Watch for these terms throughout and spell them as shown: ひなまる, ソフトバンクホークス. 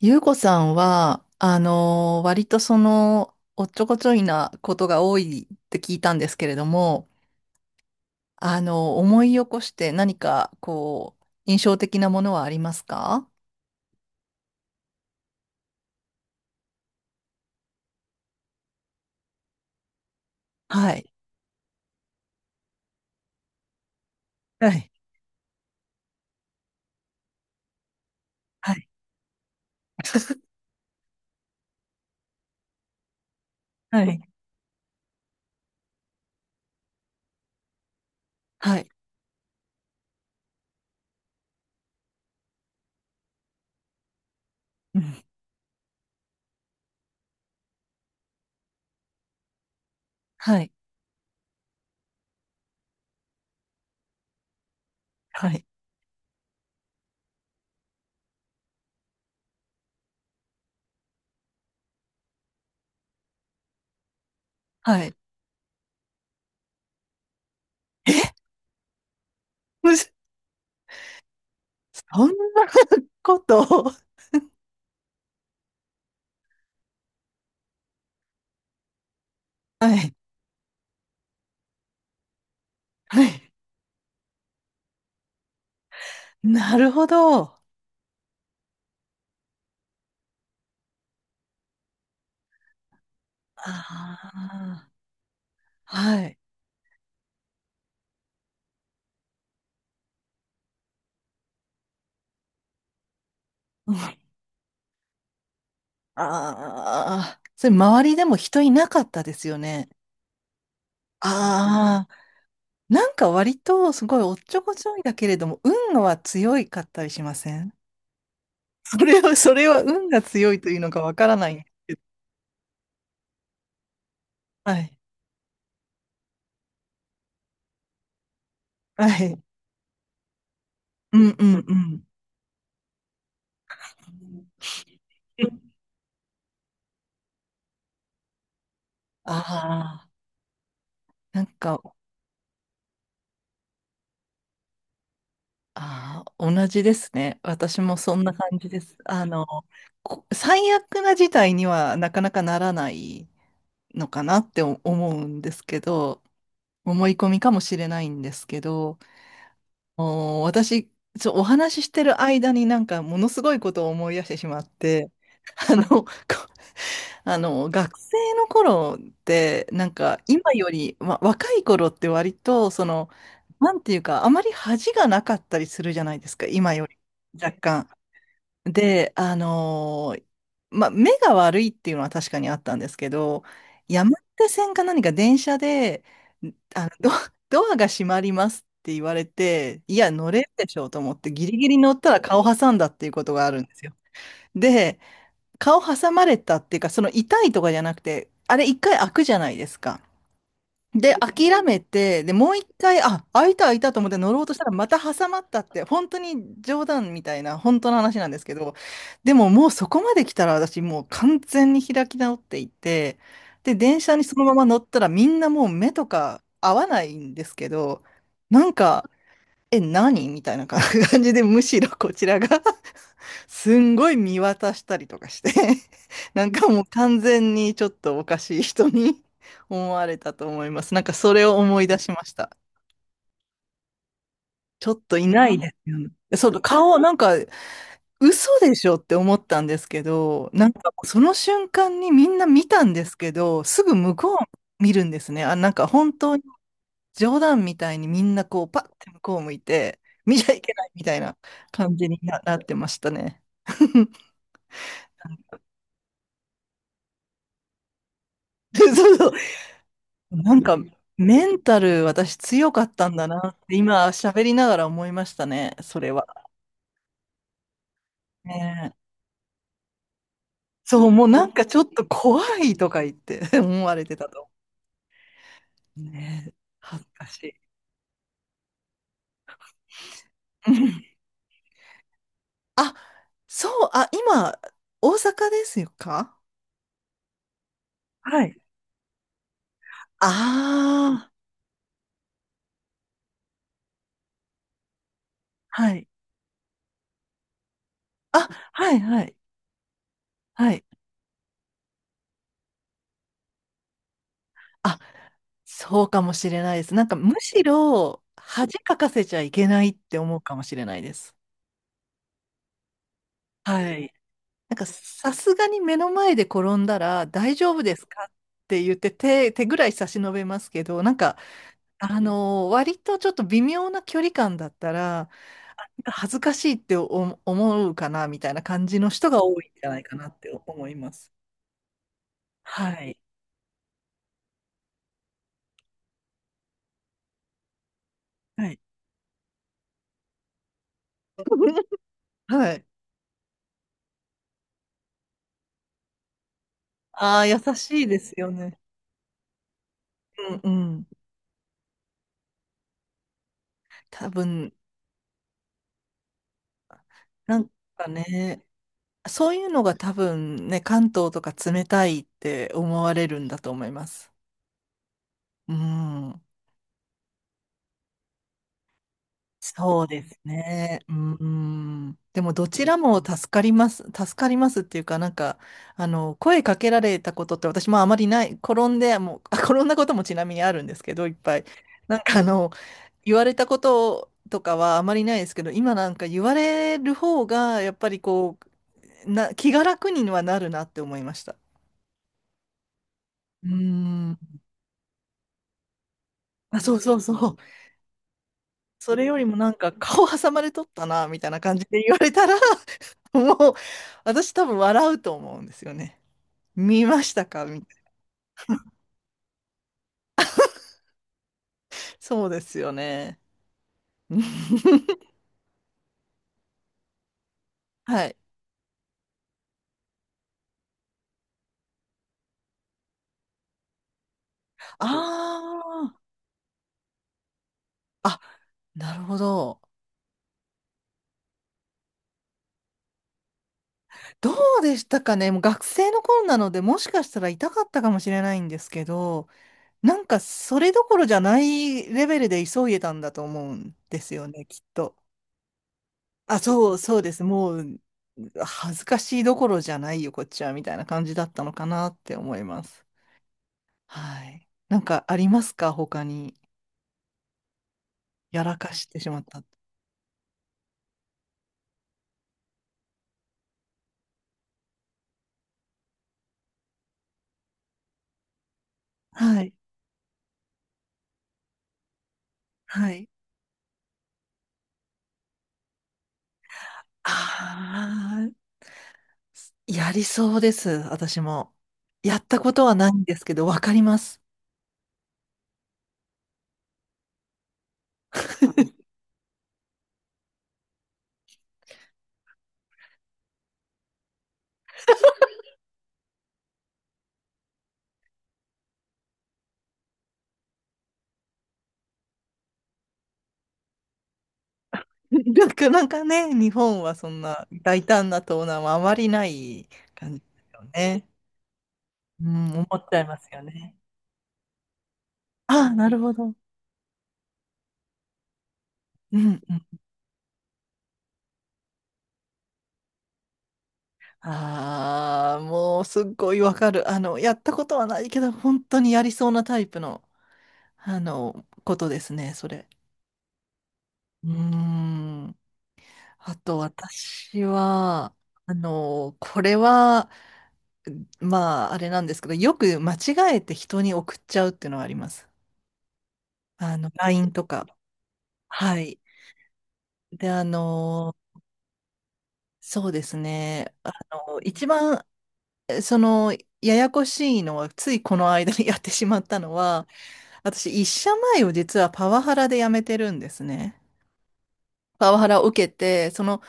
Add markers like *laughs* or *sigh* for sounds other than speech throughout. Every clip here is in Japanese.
ゆうこさんは、割とおっちょこちょいなことが多いって聞いたんですけれども、あの思い起こして何か印象的なものはありますか？はい。はい。はい。はい。はい。うん。はい。はい。はい。え、*laughs* むずそんなこと。はい。はい。なるほど。ああはい。うんああ、それ周りでも人いなかったですよね。ああ、なんか割とすごいおっちょこちょいだけれども、運は強いかったりしません？ *laughs* それは、それは運が強いというのかわからない。はい。はい。うんうんうん。ああ、なんか、ああ、同じですね。私もそんな感じです。あの、こ最悪な事態にはなかなかならないのかなって思うんですけど、思い込みかもしれないんですけど、お私、お話ししてる間になんかものすごいことを思い出してしまって、*laughs* あの、こあの、学生の頃って、なんか今より、ま、若い頃って割と、その、なんていうか、あまり恥がなかったりするじゃないですか、今より。若干。で、まあ、目が悪いっていうのは確かにあったんですけど、山手線か何か電車で、あの、ド、*laughs* ドアが閉まりますって言われて、いや、乗れるでしょうと思って、ギリギリ乗ったら顔挟んだっていうことがあるんですよ。で、顔挟まれたっていうか、その痛いとかじゃなくて、あれ一回開くじゃないですか。で、諦めて、で、もう一回、あ、開いた開いたと思って乗ろうとしたらまた挟まったって、本当に冗談みたいな、本当の話なんですけど、でももうそこまで来たら私もう完全に開き直っていて、で、電車にそのまま乗ったらみんなもう目とか合わないんですけど、なんか、え、何みたいな感じで、むしろこちらがすんごい見渡したりとかして *laughs* なんかもう完全にちょっとおかしい人に *laughs* 思われたと思います。なんかそれを思い出しました。ちょっといないですよね。そう、顔、なんか嘘でしょって思ったんですけど、なんかその瞬間にみんな見たんですけど、すぐ向こう見るんですね。あ、なんか本当に冗談みたいにみんなこうパッて向こう向いて、見ちゃいけないみたいな感じになってましたね。*laughs* そうそうなんか、メンタル私強かったんだなって今喋りながら思いましたね、それは。ねえそう、もうなんかちょっと怖いとか言って *laughs* 思われてたと。ねえ恥ずかしい。*laughs* うんあ、そう、あ、今、大阪ですよか？はい。ああ、はい。あ、はい、はい、はい。あ、そうかもしれないです。なんかむしろ恥かかせちゃいけないって思うかもしれないです。はい。なんかさすがに目の前で転んだら大丈夫ですかって言って手、手ぐらい差し伸べますけど、なんか、割とちょっと微妙な距離感だったら、なんか恥ずかしいって思うかなみたいな感じの人が多いんじゃないかなって思います。はい。はい。*laughs* はい。*laughs* ああ、優しいですよね。うんうん。多分、なんかね、そういうのが多分ね、関東とか冷たいって思われるんだと思います。うん。そうですね。うん。でも、どちらも助かります。助かりますっていうか、なんか、あの、声かけられたことって私もあまりない。転んで、もう、あ転んだこともちなみにあるんですけど、いっぱい。なんか、あの、言われたこととかはあまりないですけど、今なんか言われる方が、やっぱり気が楽にはなるなって思いました。うん。あ、そうそうそう。それよりもなんか顔挟まれとったな、みたいな感じで言われたら、*laughs* もう私多分笑うと思うんですよね。見ましたかみたいな。そうですよね。*laughs* はい。ああ、あ、なるほど。どうでしたかね。もう学生の頃なので、もしかしたら痛かったかもしれないんですけど、なんかそれどころじゃないレベルで急いでたんだと思うんですよね、きっと。あ、そう、そうです。もう、恥ずかしいどころじゃないよ、こっちは、みたいな感じだったのかなって思います。はい。なんかありますか他に？やらかしてしまった。はい。はい。ああ、やりそうです、私も。やったことはないんですけど、わかります。*laughs* なかなかね、日本はそんな大胆な盗難はあまりない感じですよね。うん、思っちゃいますよね。ああ、なるほど。うんうん。ああ、もうすっごいわかる。あの、やったことはないけど、本当にやりそうなタイプの、あの、ことですね、それ。うーん。あと、私は、あの、これは、まあ、あれなんですけど、よく間違えて人に送っちゃうっていうのはあります。あの、LINE とか。はい。で、あの、そうですね。あの、一番、その、ややこしいのは、ついこの間にやってしまったのは、私、一社前を実はパワハラで辞めてるんですね。パワハラを受けて、その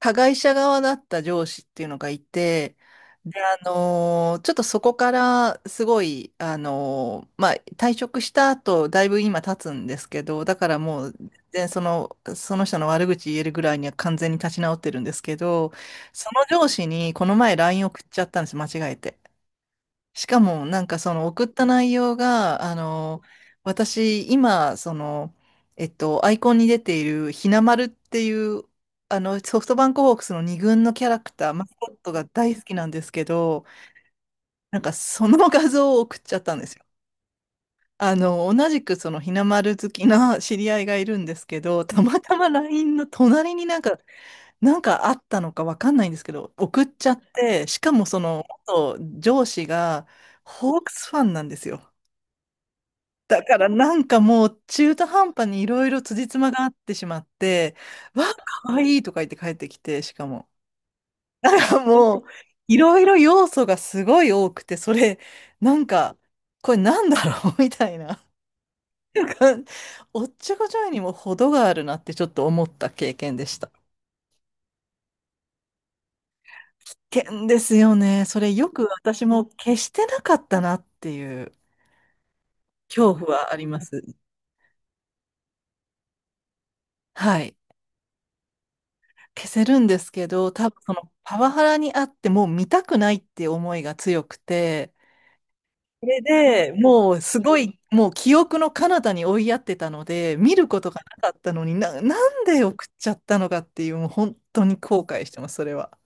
加害者側だった上司っていうのがいて、で、ちょっとそこからすごい、まあ、退職した後、だいぶ今経つんですけど、だからもう、全然その、その人の悪口言えるぐらいには完全に立ち直ってるんですけど、その上司にこの前 LINE 送っちゃったんです、間違えて。しかも、なんかその送った内容が、あの、私、今、その、えっと、アイコンに出ているひなまるっていう、あの、ソフトバンクホークスの二軍のキャラクター、マスコットが大好きなんですけど、なんかその *laughs* 画像を送っちゃったんですよ。あの、同じくそのひなまる好きな知り合いがいるんですけど、たまたま LINE の隣になんか、なんかあったのかわかんないんですけど、送っちゃって、しかもその、元上司がホークスファンなんですよ。だからなんかもう中途半端にいろいろ辻褄が合ってしまって、わあ、かわいいとか言って帰ってきて、しかも。だからもう、いろいろ要素がすごい多くて、それ、なんか、これなんだろう *laughs* みたいな。おっちょこちょいにも程があるなってちょっと思った経験でした。危険ですよね。それよく私も消してなかったなっていう恐怖はあります。はい。消せるんですけど、多分そのパワハラにあってもう見たくないって思いが強くて、それでもうすごい、もう記憶の彼方に追いやってたので、見ることがなかったのにな、なんで送っちゃったのかっていう、もう本当に後悔してます、それは。